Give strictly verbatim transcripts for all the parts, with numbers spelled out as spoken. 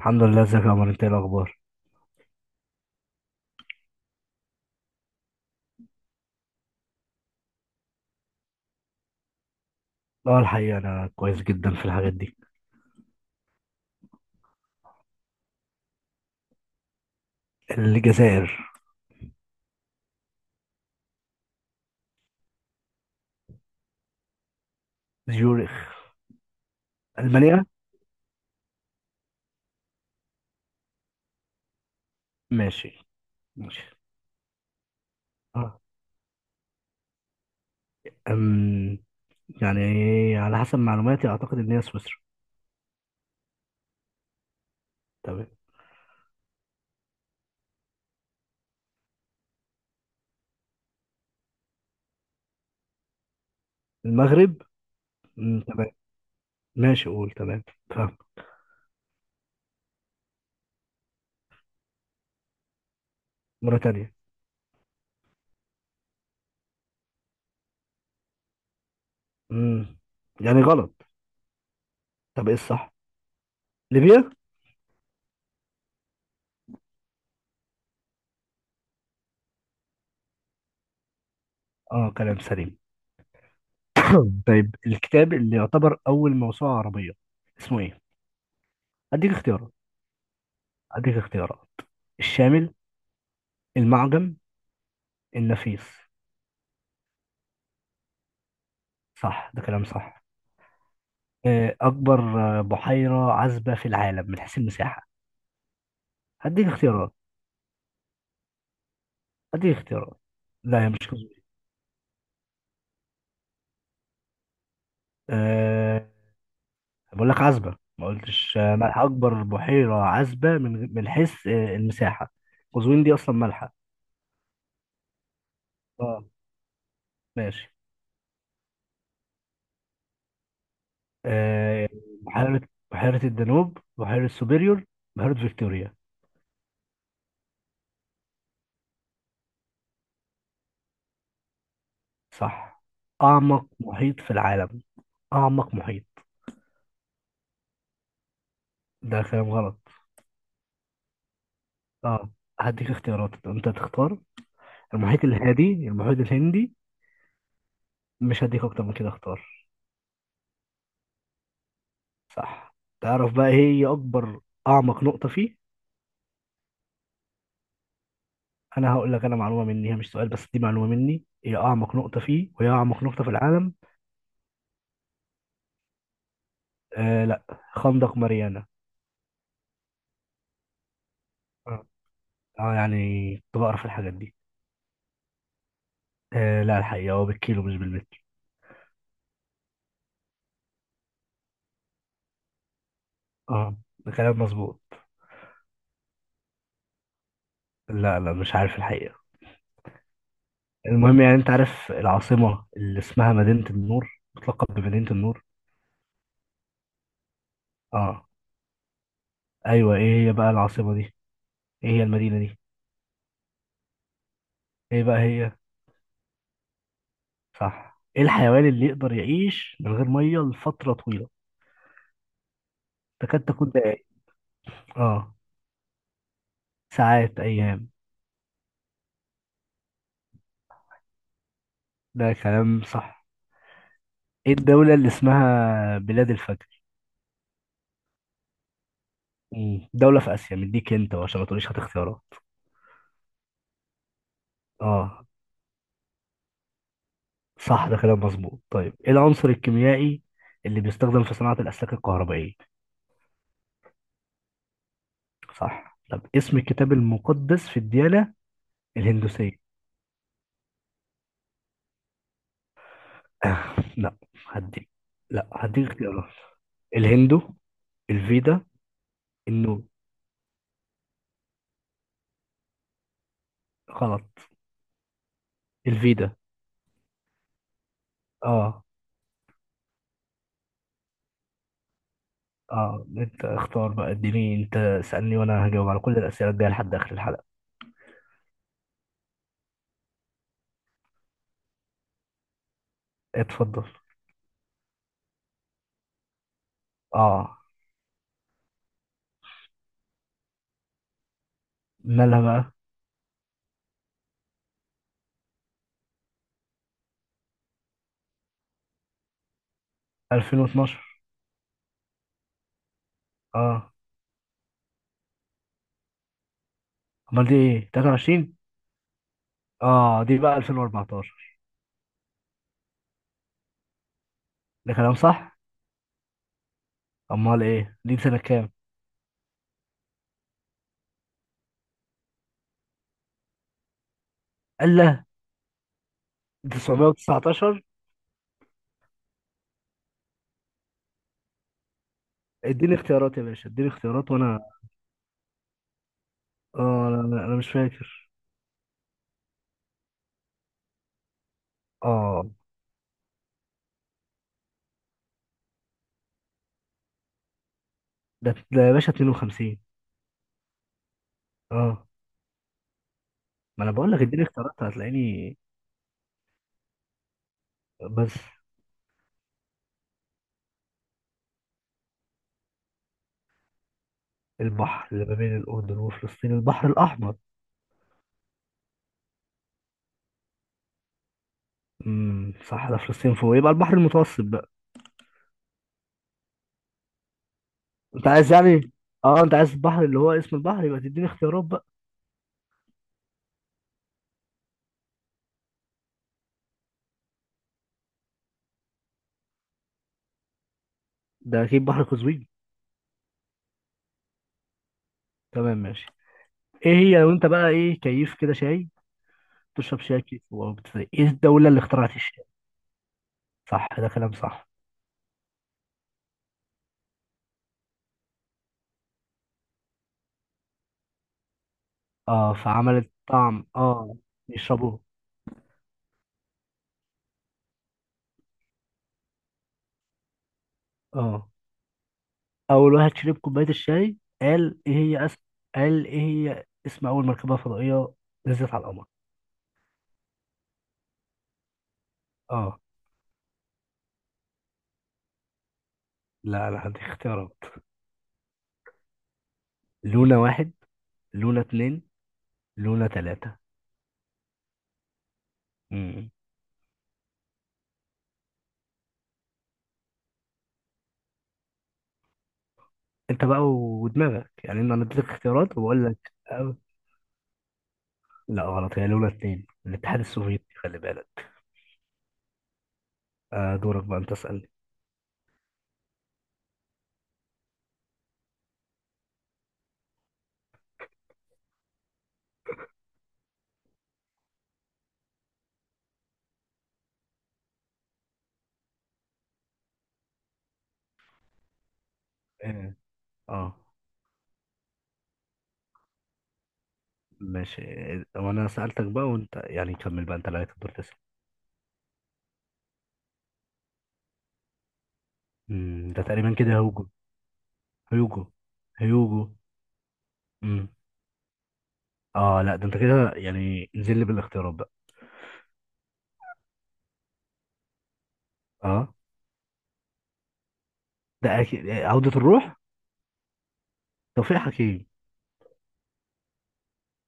الحمد لله. ازيك يا عمر؟ انت ايه الاخبار؟ اه الحقيقه انا كويس جدا في الحاجات دي. الجزائر. زيورخ. المانيا. ماشي. ماشي. اه أم يعني على حسب معلوماتي اعتقد ان هي سويسرا. تمام. المغرب. مم. تمام. ماشي، قول. تمام، فاهم. موريتانيا. امم يعني غلط. طب ايه الصح؟ ليبيا. اه كلام سليم. طيب، الكتاب اللي يعتبر اول موسوعه عربيه اسمه ايه؟ اديك اختيارات، اديك اختيارات: الشامل، المعجم، النفيس. صح، ده كلام صح. آه، أكبر، آه، بحيرة عذبة في العالم من حيث المساحة. هديك اختيارات، هديك اختيارات. لا، هي مش قزوين. أه بقول لك عذبة، ما قلتش آه، ملح. أكبر بحيرة عذبة من من حيث آه، المساحة. قزوين دي أصلا مالحة. اه ماشي. أه بحيرة، بحيرة الدانوب، بحيرة سوبيريور، بحيرة فيكتوريا. صح. أعمق محيط في العالم، أعمق محيط. ده كلام غلط. اه هديك اختيارات انت تختار: المحيط الهادي، المحيط الهندي. مش هديك اكتر من كده، اختار. صح. تعرف بقى ايه هي اكبر، اعمق نقطة فيه؟ انا هقول لك، انا معلومة مني، هي مش سؤال، بس دي معلومة مني، هي اعمق نقطة فيه وهي اعمق نقطة في العالم. آه لا، خندق ماريانا. اه آه، يعني كنت بقرا في الحاجات دي. آه لا، الحقيقة هو بالكيلو مش بالمتر. اه ده كلام مظبوط. لا لا، مش عارف الحقيقة. المهم يعني انت عارف العاصمة اللي اسمها مدينة النور، بتلقب بمدينة النور؟ اه، ايوه، ايه هي بقى العاصمة دي؟ ايه هي المدينة دي؟ ايه بقى هي؟ صح. ايه الحيوان اللي يقدر يعيش من غير ميه لفتره طويله؟ تكاد تكون دقائق، اه، ساعات، ايام. ده كلام صح. ايه الدوله اللي اسمها بلاد الفجر؟ مم. دوله في اسيا، مديك انت عشان ما تقوليش هات اختيارات. اه صح، ده كلام مظبوط. طيب ايه العنصر الكيميائي اللي بيستخدم في صناعه الاسلاك الكهربائيه؟ صح. طب اسم الكتاب المقدس في الديانه الهندوسيه؟ لا. هديك، لا هديك اختيارات: الهندو، الفيدا، النور. غلط. الفيدا. اه. اه انت اختار بقى، اديني، انت سألني وانا هجاوب على كل الأسئلة الجاية لحد آخر الحلقة. اتفضل. اه، مالها بقى؟ ألفين واتناشر. اه. امال دي ايه؟ تلاتة وعشرين. اه دي بقى ألفين وأربعتاشر. ده كلام صح. امال ايه دي، سنة كام؟ الله. تسعمائة وتسعة عشر. اديني اختيارات يا باشا، اديني اختيارات وانا. اه، انا أنا- أنا مش فاكر. اه ده ده يا باشا اتنين وخمسين. اه ما انا بقول لك اديني اختيارات هتلاقيني. بس. البحر اللي ما بين الأردن وفلسطين؟ البحر الأحمر. امم صح، ده فلسطين فوق، يبقى البحر المتوسط بقى. أنت عايز يعني، أه أنت عايز البحر اللي هو اسم البحر، يبقى تديني اختيارات بقى. ده أكيد بحر قزوين. تمام، ماشي. إيه هي لو أنت بقى، إيه كيف كده شاي، تشرب شاي كيف وبتزاي؟ إيه الدولة اللي اخترعت الشاي؟ صح، ده كلام صح. أه فعملت طعم، أه يشربوه. أه. أول واحد شرب كوباية الشاي قال إيه؟ هي أس... قال إيه هي اسم أول مركبة فضائية نزلت على القمر؟ اه لا، لا هدي اختيارات: لولا واحد، لولا اتنين، لولا تلاتة. مم. انت بقى ودماغك، يعني انا اديتك اختيارات وبقول لك أه. لا غلط، هي لولا اتنين، الاتحاد السوفيتي خلي بالك. آه دورك بقى، انت اسألني. اه آه، ماشي. وانا سألتك بقى وانت يعني كمل بقى، انت اللي عليك الدور تسأل. مم، ده تقريبا كده هيوجو. هيوجو، هيوجو. مم. اه لا، ده انت كده يعني نزل لي بالاختيارات بقى. اه ده أكيد عودة الروح، توفيق حكيم.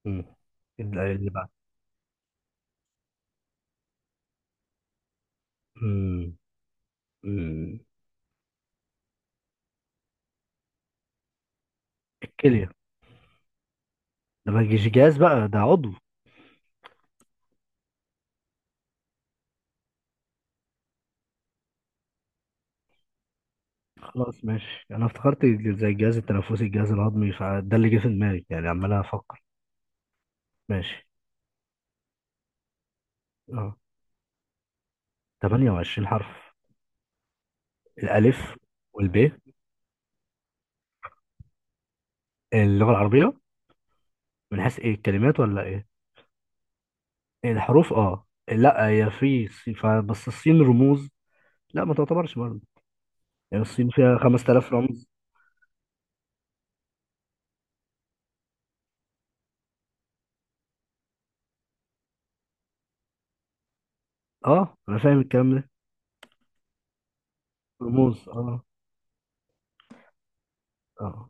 مم. اللي، مم. مم. الكلية. ده ما يجيش جهاز بقى، ده عضو. خلاص ماشي، انا افتكرت زي الجهاز التنفسي، الجهاز الهضمي، فده اللي جه في دماغي يعني عمال افكر. ماشي. اه، ثمانية وعشرين حرف. الالف والب، اللغة العربية. من حيث ايه، الكلمات ولا ايه؟ إيه، الحروف، اه لا هي في ص- ف- بس الصين رموز. لا ما تعتبرش برضه. يعني الصين فيها خمس تلاف رمز. اه انا فاهم الكلام ده. رموز اه. اه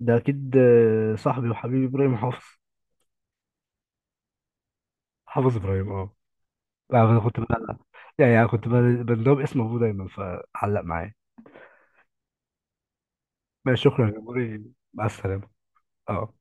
ده اكيد آه، صاحبي وحبيبي ابراهيم حافظ. حافظ ابراهيم اه. لا انا كنت بقى، يعني انا كنت بقى- بندوب اسم ابوه دايما فعلق معايا. ماشي، شكرا يا جمهوري، مع السلامه. اه.